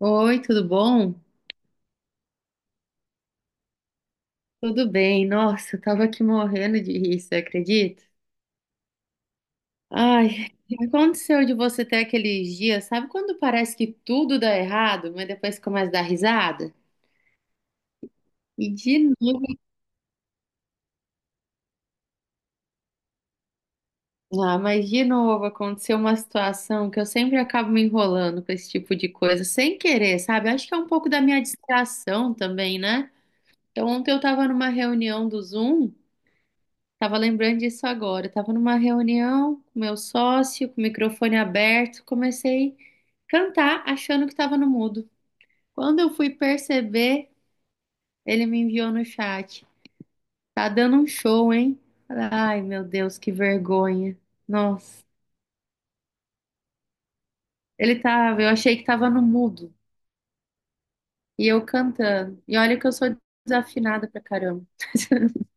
Oi, tudo bom? Tudo bem. Nossa, eu tava aqui morrendo de rir, você acredita? Ai, o que aconteceu de você ter aqueles dias, sabe quando parece que tudo dá errado, mas depois começa a dar risada? E de novo, ah, mas de novo aconteceu uma situação que eu sempre acabo me enrolando com esse tipo de coisa, sem querer, sabe? Acho que é um pouco da minha distração também, né? Então, ontem eu tava numa reunião do Zoom. Tava lembrando disso agora. Eu tava numa reunião com meu sócio, com o microfone aberto, comecei a cantar achando que tava no mudo. Quando eu fui perceber, ele me enviou no chat. Tá dando um show, hein? Ai, meu Deus, que vergonha. Nossa, ele tava, eu achei que tava no mudo e eu cantando. E olha que eu sou desafinada pra caramba.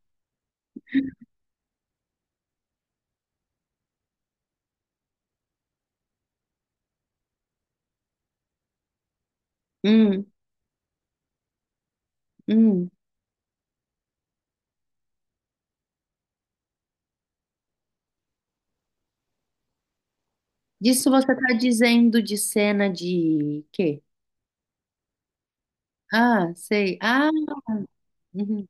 Hum, hum. Disso você tá dizendo de cena de quê? Ah, sei. Ah, uhum.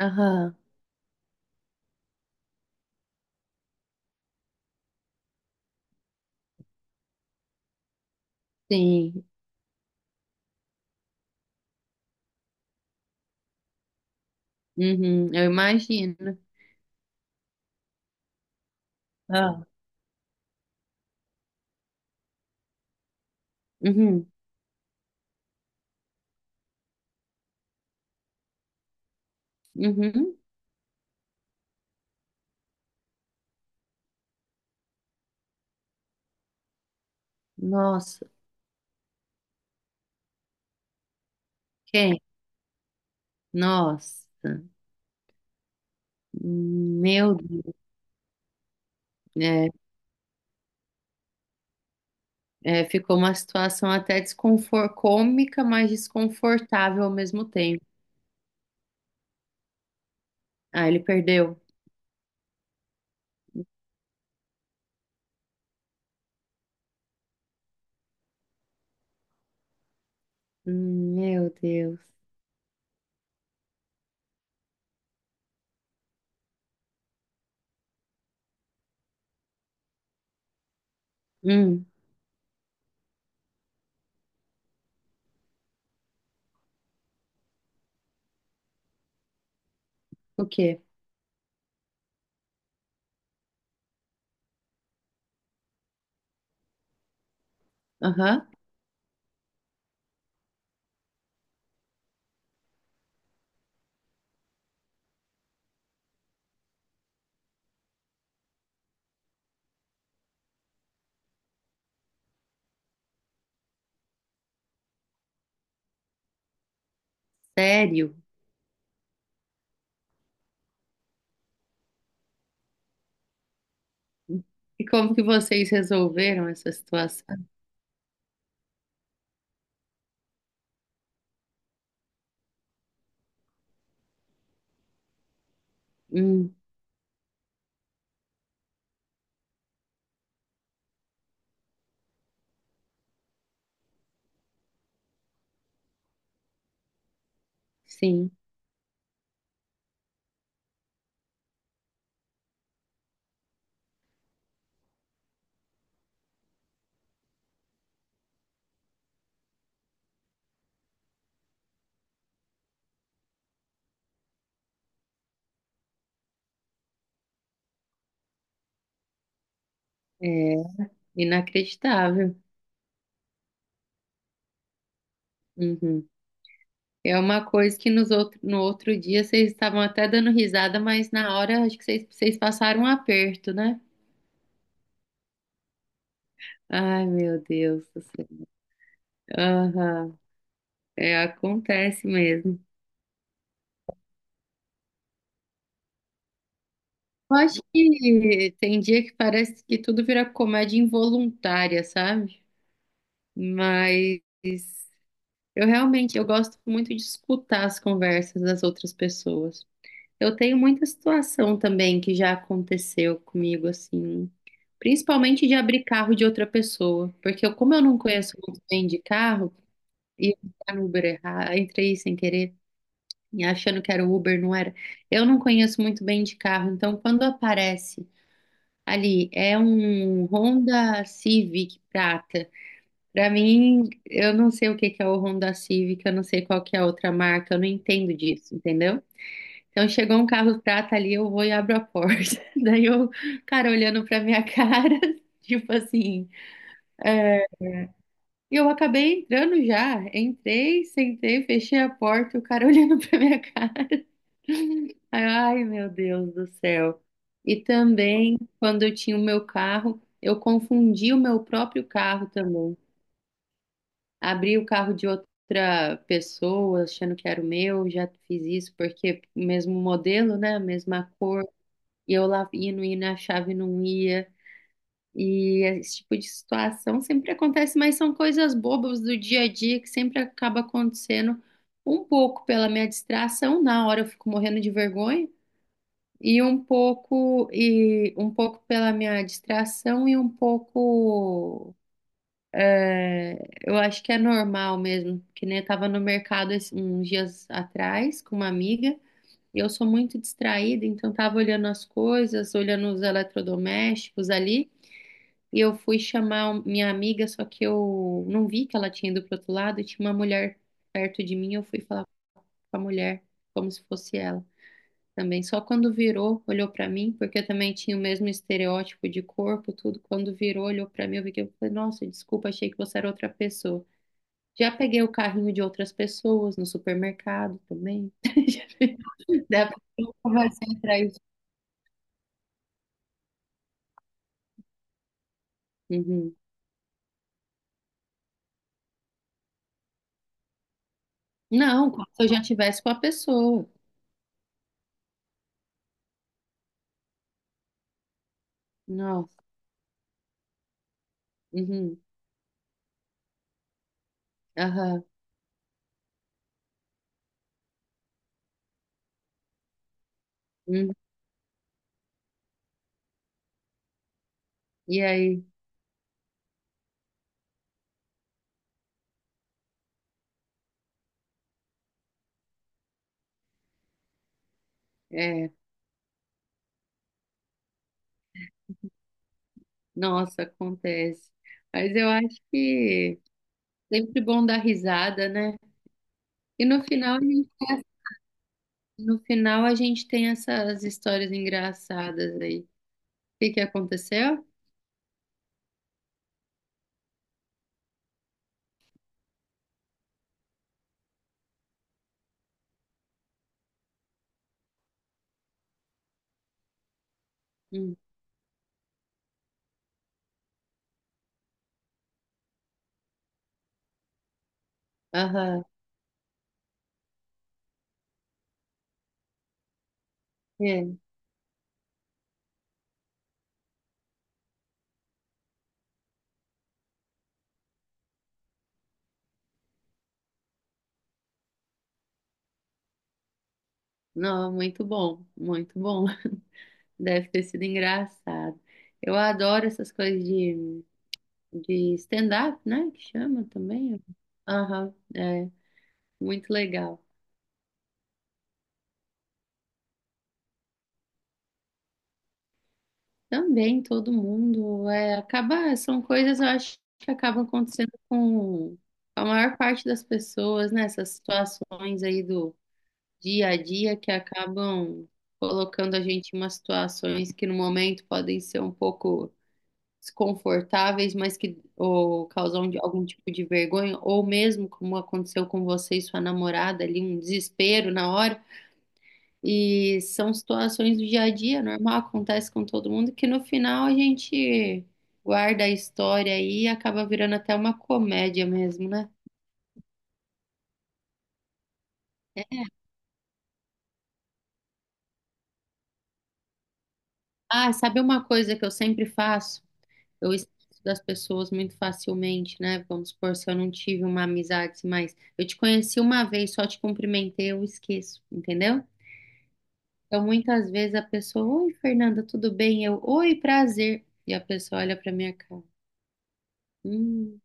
Aham, sim. Uhum, eu imagino. Ah, uhum, uhum. Nossa, quem? Nossa, meu Deus. É, é, ficou uma situação até desconfor cômica, mas desconfortável ao mesmo tempo. Ah, ele perdeu. Meu Deus. Hum, o quê? Aham, sério? E como que vocês resolveram essa situação? Hum, sim, é inacreditável. Uhum. É uma coisa que nos outro, no outro dia vocês estavam até dando risada, mas na hora acho que vocês passaram um aperto, né? Ai, meu Deus do céu. Aham, é, acontece mesmo. Eu acho que tem dia que parece que tudo vira comédia involuntária, sabe? Mas eu realmente eu gosto muito de escutar as conversas das outras pessoas. Eu tenho muita situação também que já aconteceu comigo, assim, principalmente de abrir carro de outra pessoa, porque eu, como eu não conheço muito bem de carro, e entrar no Uber errado, entrei sem querer, e achando que era o Uber, não era. Eu não conheço muito bem de carro, então quando aparece ali, é um Honda Civic prata. Pra mim, eu não sei o que que é o Honda Civic, eu não sei qual que é a outra marca, eu não entendo disso, entendeu? Então chegou um carro prata ali, eu vou e abro a porta. Daí eu, cara, olhando pra minha cara, tipo assim. E eu acabei entrando já. Entrei, sentei, fechei a porta, o cara olhando pra minha cara. Aí eu, ai, meu Deus do céu. E também, quando eu tinha o meu carro, eu confundi o meu próprio carro também. Abri o carro de outra pessoa, achando que era o meu, já fiz isso, porque o mesmo modelo, né? A mesma cor. E eu lá ia, não ia, na chave não ia. E esse tipo de situação sempre acontece, mas são coisas bobas do dia a dia que sempre acaba acontecendo um pouco pela minha distração, na hora eu fico morrendo de vergonha, e um pouco pela minha distração e um pouco é, eu acho que é normal mesmo, que nem eu tava no mercado uns dias atrás com uma amiga e eu sou muito distraída, então estava olhando as coisas, olhando os eletrodomésticos ali, e eu fui chamar minha amiga, só que eu não vi que ela tinha ido pro outro lado, e tinha uma mulher perto de mim, eu fui falar com a mulher, como se fosse ela também. Só quando virou, olhou para mim, porque eu também tinha o mesmo estereótipo de corpo, tudo, quando virou, olhou para mim, eu vi que eu falei, nossa, desculpa, achei que você era outra pessoa. Já peguei o carrinho de outras pessoas no supermercado também. Dá pra conversar atrás. Uhum. Não, como se eu já tivesse com a pessoa. Nossa, uhum, aham, uhum. E aí, é, nossa, acontece. Mas eu acho que sempre bom dar risada, né? E no final a gente, no final a gente tem essas histórias engraçadas aí. O que que aconteceu? Hum, Aham, é. Não, muito bom, muito bom. Deve ter sido engraçado. Eu adoro essas coisas de stand-up, né? Que chama também. Aham, é muito legal. Também todo mundo é, acaba, são coisas eu acho que acabam acontecendo com a maior parte das pessoas, né? Essas situações aí do dia a dia que acabam colocando a gente em umas situações que no momento podem ser um pouco desconfortáveis, mas que ou causam algum tipo de vergonha, ou mesmo como aconteceu com você e sua namorada ali, um desespero na hora. E são situações do dia a dia, normal, acontece com todo mundo, que no final a gente guarda a história aí e acaba virando até uma comédia mesmo, né? É, ah, sabe uma coisa que eu sempre faço? Eu esqueço das pessoas muito facilmente, né? Vamos supor, se eu não tive uma amizade assim mais. Eu te conheci uma vez, só te cumprimentei, eu esqueço, entendeu? Então, muitas vezes a pessoa, oi, Fernanda, tudo bem? Eu, oi, prazer. E a pessoa olha pra minha cara. Hum.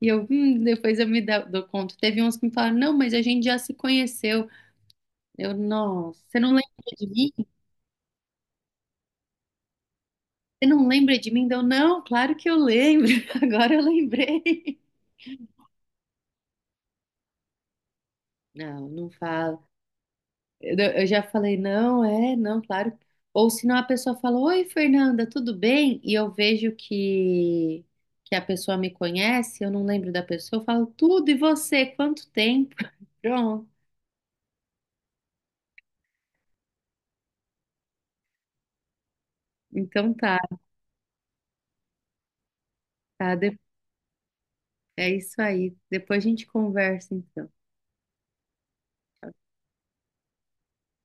E eu, depois eu me dou conta. Teve uns que me falaram, não, mas a gente já se conheceu. Eu, nossa, você não lembra de mim? Você não lembra de mim? Deu, não, claro que eu lembro. Agora eu lembrei. Não, não fala. Eu, eu já falei, não, é, não, claro. Ou senão a pessoa fala, oi, Fernanda, tudo bem? E eu vejo que a pessoa me conhece, eu não lembro da pessoa, eu falo, tudo, e você? Quanto tempo? Pronto. Então tá, tá. É isso aí. Depois a gente conversa, então.